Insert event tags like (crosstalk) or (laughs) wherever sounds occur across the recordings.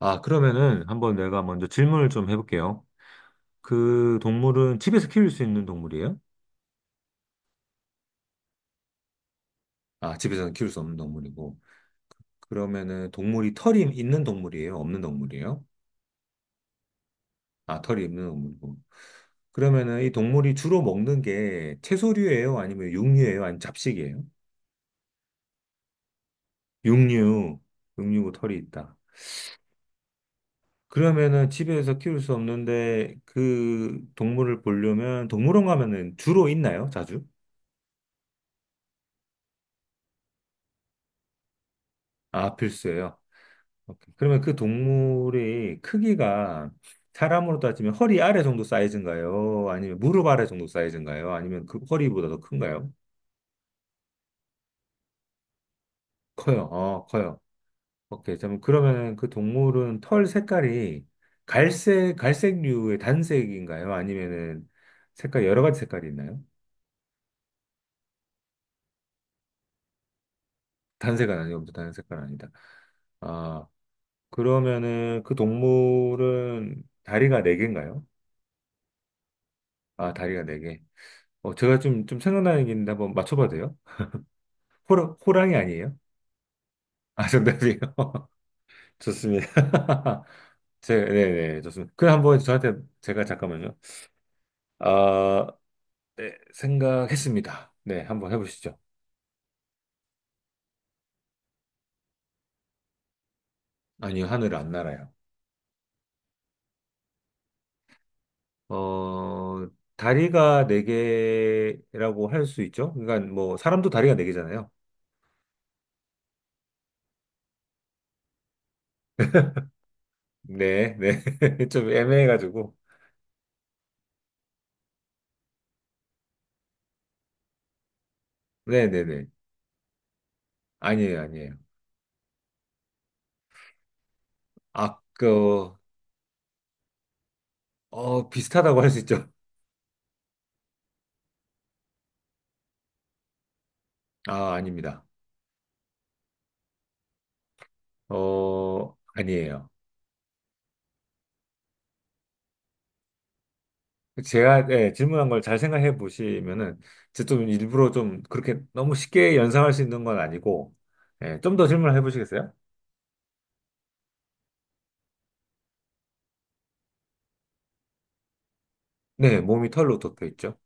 아, 그러면은 한번 내가 먼저 질문을 좀 해볼게요. 그 동물은 집에서 키울 수 있는 동물이에요? 아, 집에서는 키울 수 없는 동물이고. 그러면은 동물이 털이 있는 동물이에요? 없는 동물이에요? 아, 털이 있는 동물이고. 그러면은 이 동물이 주로 먹는 게 채소류예요? 아니면 육류예요? 아니면 잡식이에요? 육류. 육류고 털이 있다. 그러면은 집에서 키울 수 없는데 그 동물을 보려면 동물원 가면은 주로 있나요? 자주? 아, 필수예요. 오케이. 그러면 그 동물의 크기가 사람으로 따지면 허리 아래 정도 사이즈인가요? 아니면 무릎 아래 정도 사이즈인가요? 아니면 그 허리보다 더 큰가요? 커요. 어, 커요. 오케이. 그럼 그러면 그 동물은 털 색깔이 갈색, 갈색류의 단색인가요? 아니면은 색깔, 여러 가지 색깔이 있나요? 단색은 아니고, 단색깔 아니다. 아, 그러면은 그 동물은 다리가 네개인가요? 아, 다리가 네개. 어, 제가 좀 생각나는 게 있는데 한번 맞춰봐도 돼요? 호랑이 아니에요? 아, 정답이에요. (laughs) 좋습니다. (laughs) 제, 네네, 좋습니다. 그 한번 저한테, 제가 잠깐만요. 아, 네, 생각했습니다. 네, 한번 해보시죠. 아니요, 하늘 안 날아요. 어, 다리가 네 개라고 할 수 있죠? 그러니까 뭐, 사람도 다리가 네 개잖아요. 네, 네. (laughs) 좀 애매해가지고. 네네네. 아니에요, 아니에요. 아, 그, 어, 비슷하다고 할 수 있죠? 아, 아닙니다. 어, 아니에요. 제가 예, 질문한 걸 잘 생각해 보시면은 제가 좀 일부러 좀 그렇게 너무 쉽게 연상할 수 있는 건 아니고 예, 좀더 질문을 해 보시겠어요? 네, 몸이 털로 덮여 있죠.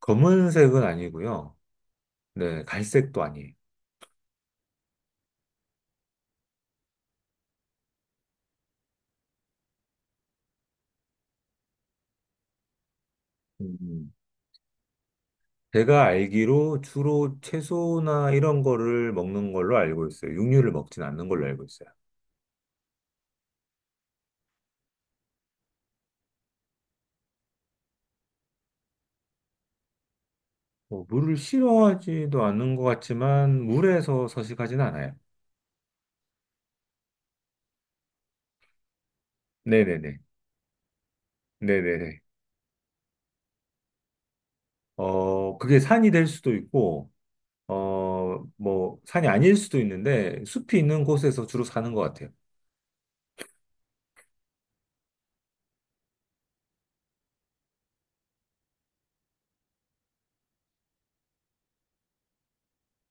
검은색은 아니고요. 네, 갈색도 아니에요. 음, 제가 알기로 주로 채소나 이런 거를 먹는 걸로 알고 있어요. 육류를 먹진 않는 걸로 알고 있어요. 뭐, 물을 싫어하지도 않는 것 같지만 물에서 서식하진 않아요. 네네네. 네네네. 어, 그게 산이 될 수도 있고 어, 뭐, 산이 아닐 수도 있는데, 숲이 있는 곳에서 주로 사는 것 같아요.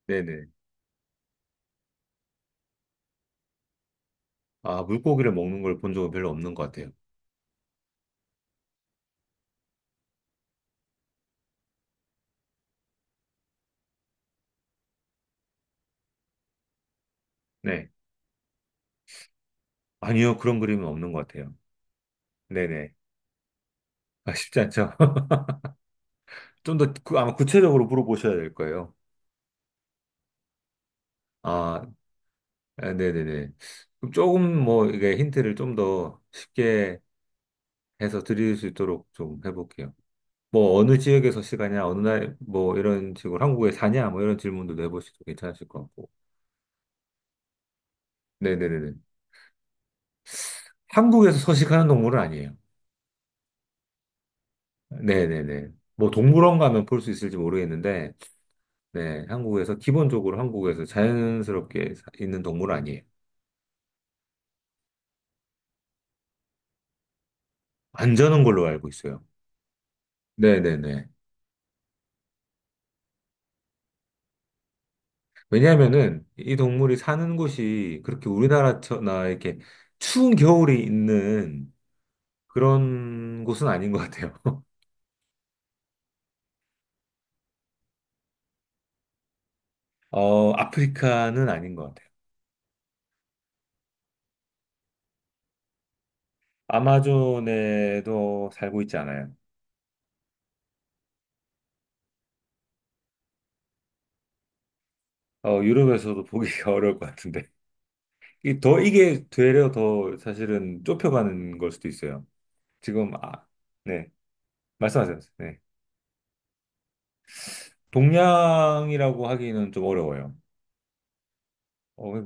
네네. 아, 물고기를 먹는 걸 본 적은 별로 없는 것 같아요. 네. 아니요, 그런 그림은 없는 것 같아요. 네네. 아, 쉽지 않죠? (laughs) 좀 더, 그, 아마 구체적으로 물어보셔야 될 거예요. 아, 아, 네네네. 그럼 조금 뭐, 이게 힌트를 좀 더 쉽게 해서 드릴 수 있도록 좀 해볼게요. 뭐, 어느 지역에서 사냐, 어느 날, 뭐, 이런 식으로 한국에 사냐, 뭐, 이런 질문도 내보셔도 괜찮으실 것 같고. 네네네. 한국에서 서식하는 동물은 아니에요. 네네네. 뭐 동물원 가면 볼 수 있을지 모르겠는데, 네, 한국에서, 기본적으로 한국에서 자연스럽게 있는 동물은 아니에요. 안 자는 걸로 알고 있어요. 네네네. 왜냐하면은 이 동물이 사는 곳이 그렇게 우리나라나 이렇게 추운 겨울이 있는 그런 곳은 아닌 것 같아요. (laughs) 어, 아프리카는 아닌 것 같아요. 아마존에도 살고 있지 않아요. 어, 유럽에서도 보기가 (laughs) 어려울 것 같은데. 이게 되려 더 사실은 좁혀가는 걸 수도 있어요. 지금, 아, 네. 말씀하세요. 네. 동양이라고 하기는 좀 어려워요. 어,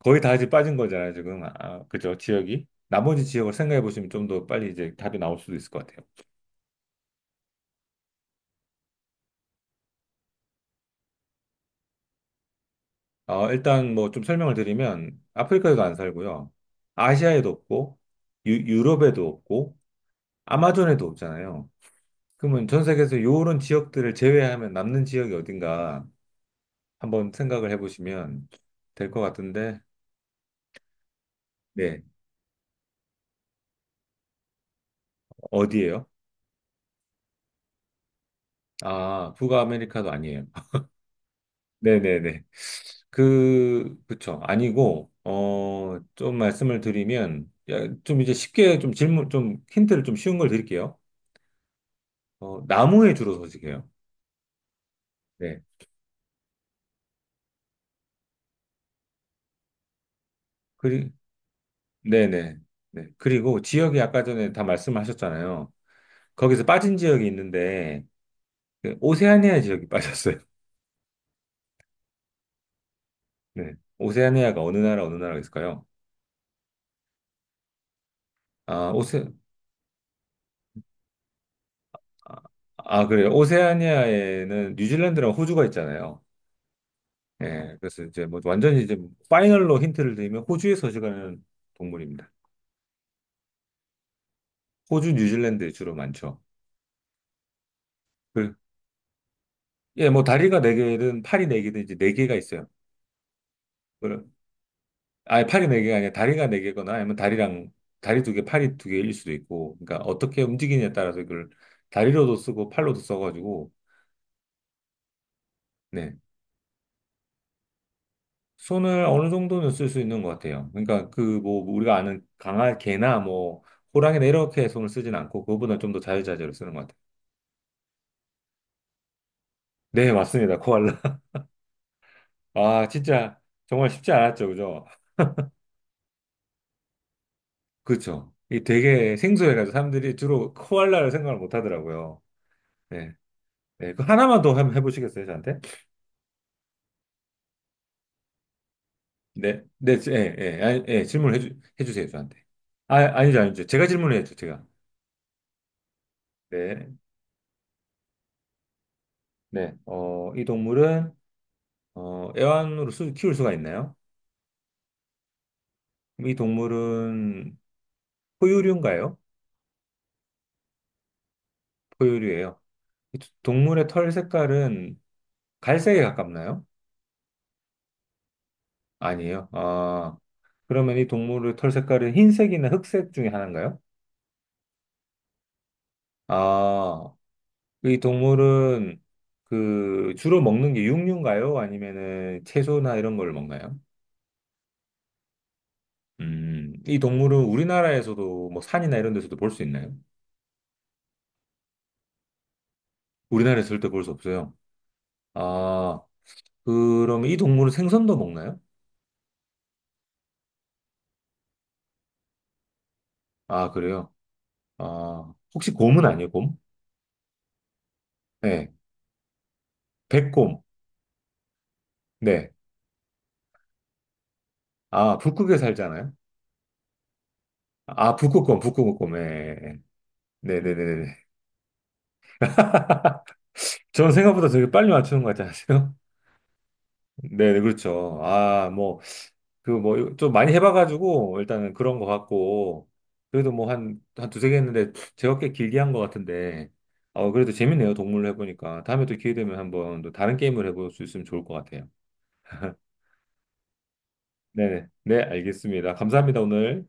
거의 다 이제 빠진 거잖아요, 지금. 아, 그죠, 지역이. 나머지 지역을 생각해 보시면 좀 더 빨리 이제 답이 나올 수도 있을 것 같아요. 어, 일단 뭐 좀 설명을 드리면, 아프리카에도 안 살고요. 아시아에도 없고, 유, 유럽에도 없고, 아마존에도 없잖아요. 그러면 전 세계에서 요런 지역들을 제외하면 남는 지역이 어딘가 한번 생각을 해보시면 될 것 같은데, 네. 어디예요? 아, 북아 아메리카도 아니에요. (laughs) 네네네. 그쵸. 아니고, 어, 좀 말씀을 드리면, 야, 좀 이제 쉽게 좀 질문, 좀 힌트를 좀 쉬운 걸 드릴게요. 어, 나무에 주로 서식해요. 네. 그리, 네네. 네. 그리고 지역이 아까 전에 다 말씀하셨잖아요. 거기서 빠진 지역이 있는데, 그 오세아니아 지역이 (laughs) 빠졌어요. 네. 오세아니아가 어느 나라, 어느 나라가 있을까요? 아, 아, 그래요. 오세아니아에는 뉴질랜드랑 호주가 있잖아요. 예, 그래서 이제 뭐 완전히 이제 파이널로 힌트를 드리면 호주에 서 식하는 동물입니다. 호주, 뉴질랜드에 주로 많죠. 그, 예, 뭐 다리가 네개든 팔이 네개든 이제 네개가 있어요. 그럼, 아니, 팔이 네개가 아니라 다리가 네개거나 아니면 다리랑, 다리 두 개 팔이 두개일 수도 있고, 그러니까 어떻게 움직이냐에 따라서 이걸 다리로도 쓰고 팔로도 써가지고, 네, 손을 어느 정도는 쓸 수 있는 것 같아요. 그러니까 그 뭐 우리가 아는 강아 개나 뭐 호랑이나 이렇게 손을 쓰진 않고 그거보다 좀 더 자유자재로 쓰는 것 같아요. 네, 맞습니다. 코알라. (laughs) 아, 진짜 정말 쉽지 않았죠, 그죠? 그렇죠. 이 되게 생소해가지고 사람들이 주로 코알라를 생각을 못 하더라고요. 네, 네, 그 하나만 더 한번 해보시겠어요, 저한테? 네, 네, 예, 예, 아니, 예, 질문을 해주세요, 저한테. 아, 아니죠, 아니죠. 제가 질문을 해야죠, 제가. 네, 네. 어, 이 동물은 어, 애완으로 키울 수가 있나요? 이 동물은 포유류인가요? 포유류예요. 이 동물의 털 색깔은 갈색에 가깝나요? 아니에요. 아, 그러면 이 동물의 털 색깔은 흰색이나 흑색 중에 하나인가요? 아, 이 동물은 그 주로 먹는 게 육류인가요? 아니면은 채소나 이런 걸 먹나요? 이 동물은 우리나라에서도 뭐 산이나 이런 데서도 볼 수 있나요? 우리나라에서 절대 볼 수 없어요. 아, 그럼 이 동물은 생선도 먹나요? 아, 그래요. 아, 혹시 곰은 아니에요, 곰? 네. 백곰. 네. 아, 북극에 살잖아요? 아, 북극곰, 북극곰. 네. 네네네네. 저는 생각보다 되게 빨리 맞추는 것 같지 않으세요? (laughs) 네네, 그렇죠. 아, 뭐, 그 뭐, 좀 많이 해봐가지고, 일단은 그런 것 같고, 그래도 뭐 한 두세 개 했는데, 제가 꽤 길게 한 것 같은데, 어, 그래도 재밌네요, 동물을 해보니까. 다음에 또 기회 되면 한번 또 다른 게임을 해볼 수 있으면 좋을 것 같아요. 네네. 네, 알겠습니다. 감사합니다, 오늘.